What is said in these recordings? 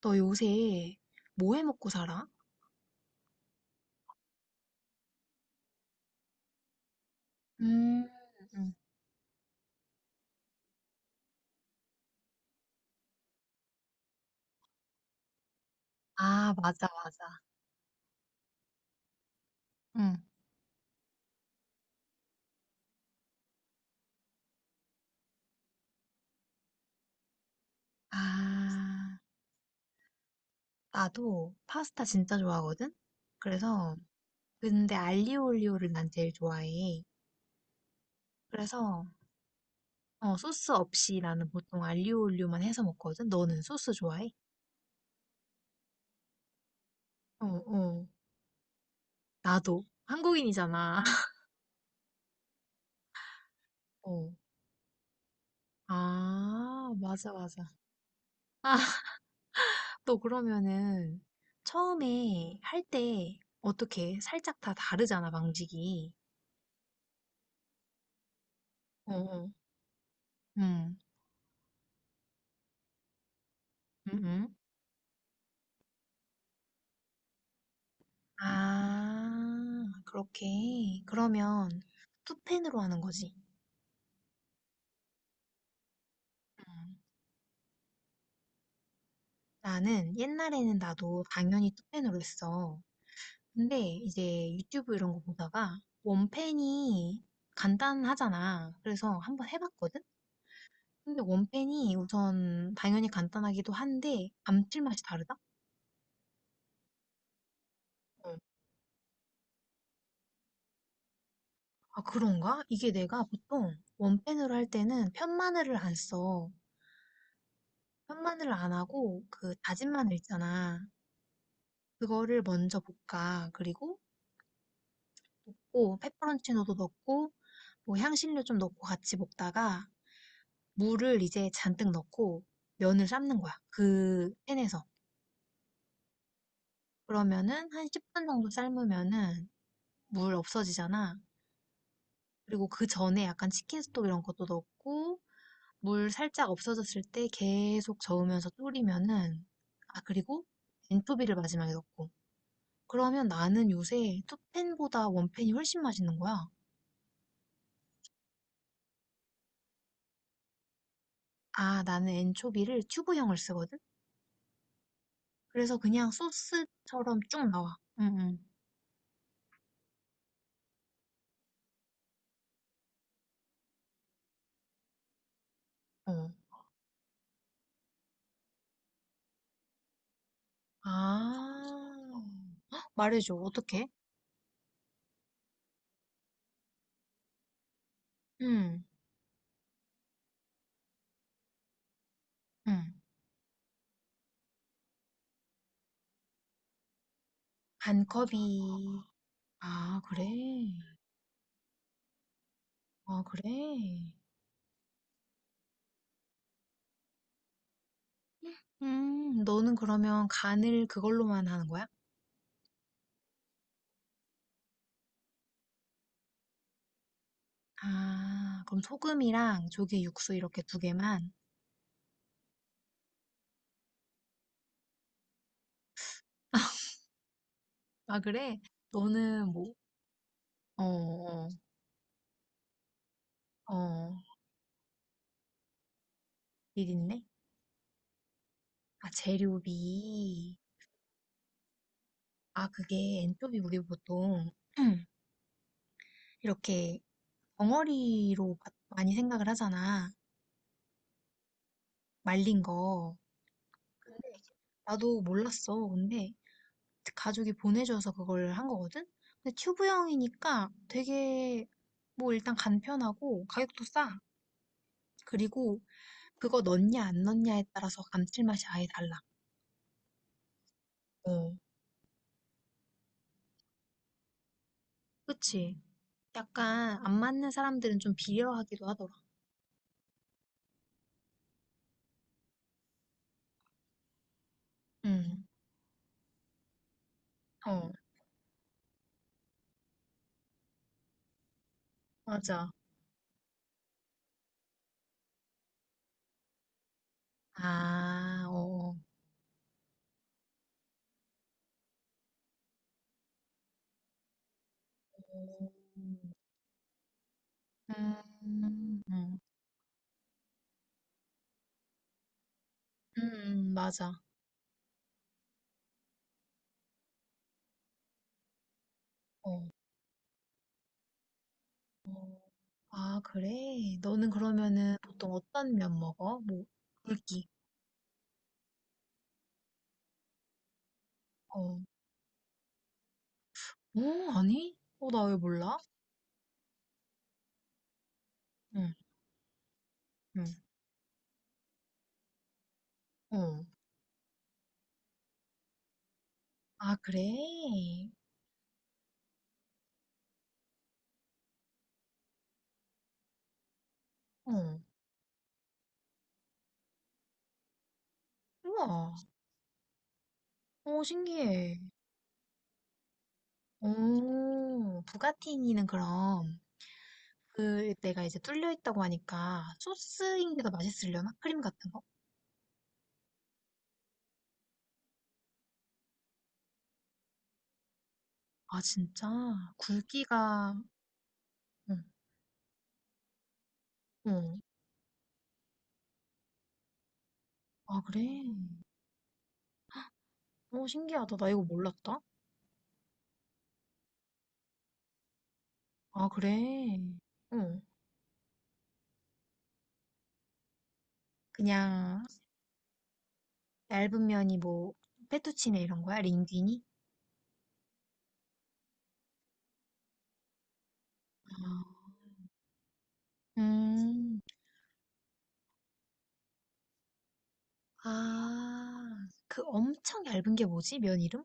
너 요새 뭐 해 먹고 살아? 음, 음. 아, 맞아, 맞아. 응. 아, 나도 파스타 진짜 좋아하거든? 그래서, 근데 알리오 올리오를 난 제일 좋아해. 그래서, 어, 소스 없이 나는 보통 알리오 올리오만 해서 먹거든? 너는 소스 좋아해? 어, 어. 나도. 한국인이잖아. 어. 아, 맞아, 맞아. 또 그러면은 처음에 할 때 어떻게 살짝 다 다르잖아, 방직이 어, 어. 음. 음, 음. 아, 그렇게. 그러면 투펜으로 하는 거지. 음. 나는 옛날에는 나도 당연히 투펜으로 했어. 근데 이제 유튜브 이런 거 보다가 원펜이 간단하잖아. 그래서 한번 해봤거든? 근데 원펜이 우선 당연히 간단하기도 한데 감칠맛이 다르다? 어. 아, 그런가? 이게 내가 보통 원펜으로 할 때는 편마늘을 안 써. 편마늘을 안 하고 그 다진 마늘 있잖아. 그거를 먼저 볶아. 그리고 볶고 페퍼론치노도 넣고 뭐 향신료 좀 넣고 같이 볶다가 물을 이제 잔뜩 넣고 면을 삶는 거야. 그 팬에서. 그러면은 한 10분 정도 삶으면은 물 없어지잖아. 그리고 그 전에 약간 치킨 스톡 이런 것도 넣고 물 살짝 없어졌을 때 계속 저으면서 졸이면은 아 그리고 엔토비를 마지막에 넣고 그러면 나는 요새 투펜보다 원펜이 훨씬 맛있는 거야. 아 나는 엔초비를 튜브형을 쓰거든. 그래서 그냥 소스처럼 쭉 나와. 응, 응. 어. 아 말해줘 어떻게? 응, 응. 반 컵이 아 그래. 아 그래. 너는 그러면 간을 그걸로만 하는 거야? 아 그럼 소금이랑 조개 육수 이렇게 두 개만? 아 그래? 너는 뭐 어어 어. 어, 일 있네? 아 재료비. 아 그게 엔초비 우리 보통 이렇게 덩어리로 마- 많이 생각을 하잖아. 말린 거. 근데 나도 몰랐어. 근데 가족이 보내줘서 그걸 한 거거든? 근데 튜브형이니까 되게 뭐 일단 간편하고 가격도 싸. 그리고 그거 넣냐 안 넣냐에 따라서 감칠맛이 아예 달라. 어, 그치? 약간 안 맞는 사람들은 좀 비려하기도 하더라. 응, 어, 맞아. 아, 어, 음, 응. 맞아. 어, 아, 그래? 너는 그러면은 보통 어떤 면 먹어? 뭐, 굵기. 어, 오, 아니? 어, 나 왜 몰라? 응, 응, 어. 아, 그래? 어. 우와. 어, 신기해. 오, 부가티니는 그럼 그 내가 이제 뚫려 있다고 하니까 소스인 게 더 맛있으려나? 크림 같은 거? 아, 진짜? 굵기가 응. 응. 아, 그래? 어, 신기하다. 나 이거 몰랐다. 아, 그래? 응. 그냥 얇은 면이 뭐 페투치네 이런 거야? 링귀니? 아, 음. 아, 그 엄청 얇은 게 뭐지? 면 이름?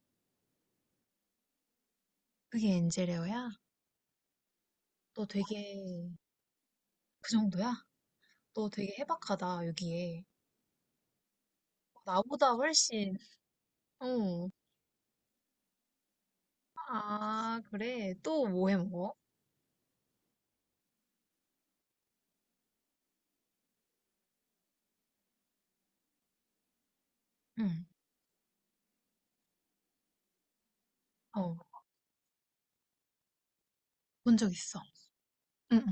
그게 엔젤레어야? 너 되게 그 정도야? 너 되게 해박하다, 여기에. 나보다 훨씬, 어. 아, 그래. 또 뭐해 먹어? 응, 어. 본적 있어. 응,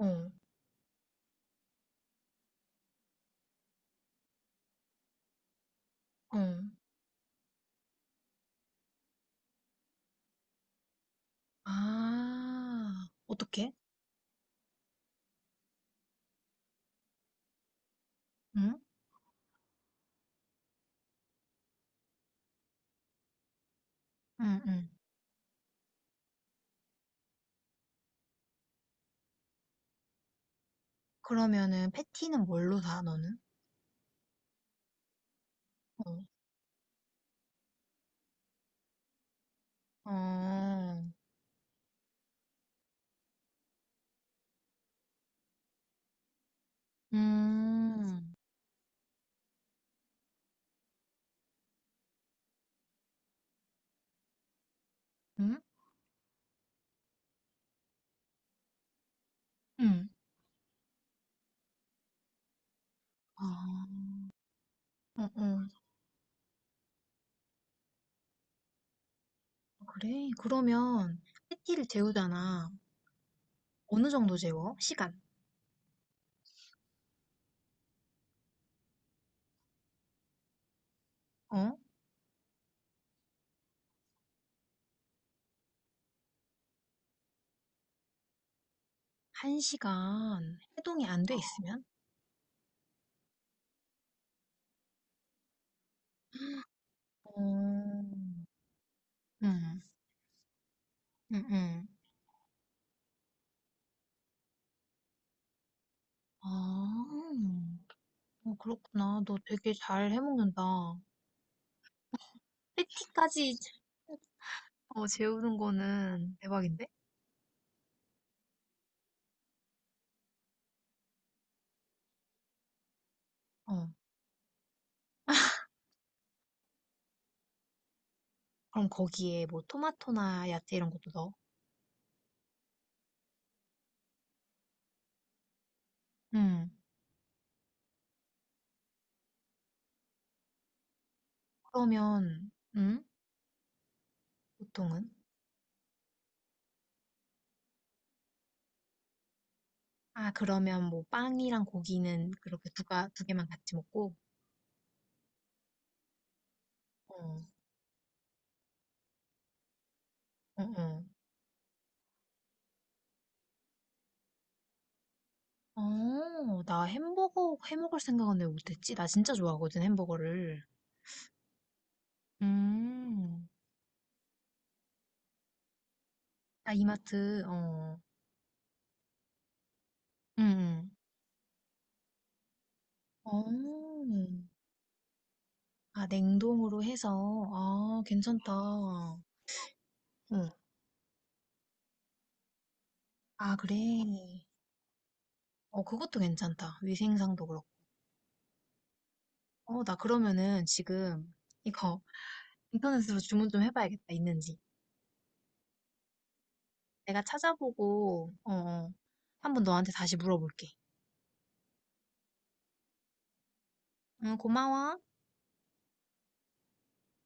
응, 어, 어. 아, 어떻게? 응? 응, 응. 그러면은 패티는 뭘로 사, 너는? 어. 어, 음, 응? 응, 아, 어어 그래. 그러면 패티를 재우잖아. 어느 정도 재워? 시간? 어? 한 시간 해동이 안 돼 있으면? 음. 음. 음음. 아. 어 그렇구나. 너 되게 잘 해 먹는다. 패티까지 어 재우는 거는 대박인데? 어. 그럼 거기에 뭐 토마토나 야채 이런 것도 넣어? 음. 그러면 음? 보통은? 아, 그러면 뭐 빵이랑 고기는 그렇게 두가 두 개만 같이 먹고. 어. 어, 어. 어, 나 햄버거 해 먹을 생각은 왜 못했지? 나 진짜 좋아하거든, 햄버거를. 음. 아, 이마트, 어. 응, 응. 어. 아, 냉동으로 해서. 아, 괜찮다. 응. 아, 그래. 어, 그것도 괜찮다. 위생상도 그렇고. 어, 나 그러면은 지금 이거 인터넷으로 주문 좀 해봐야겠다. 있는지. 내가 찾아보고, 어, 어. 한번 너한테 다시 물어볼게. 응, 고마워.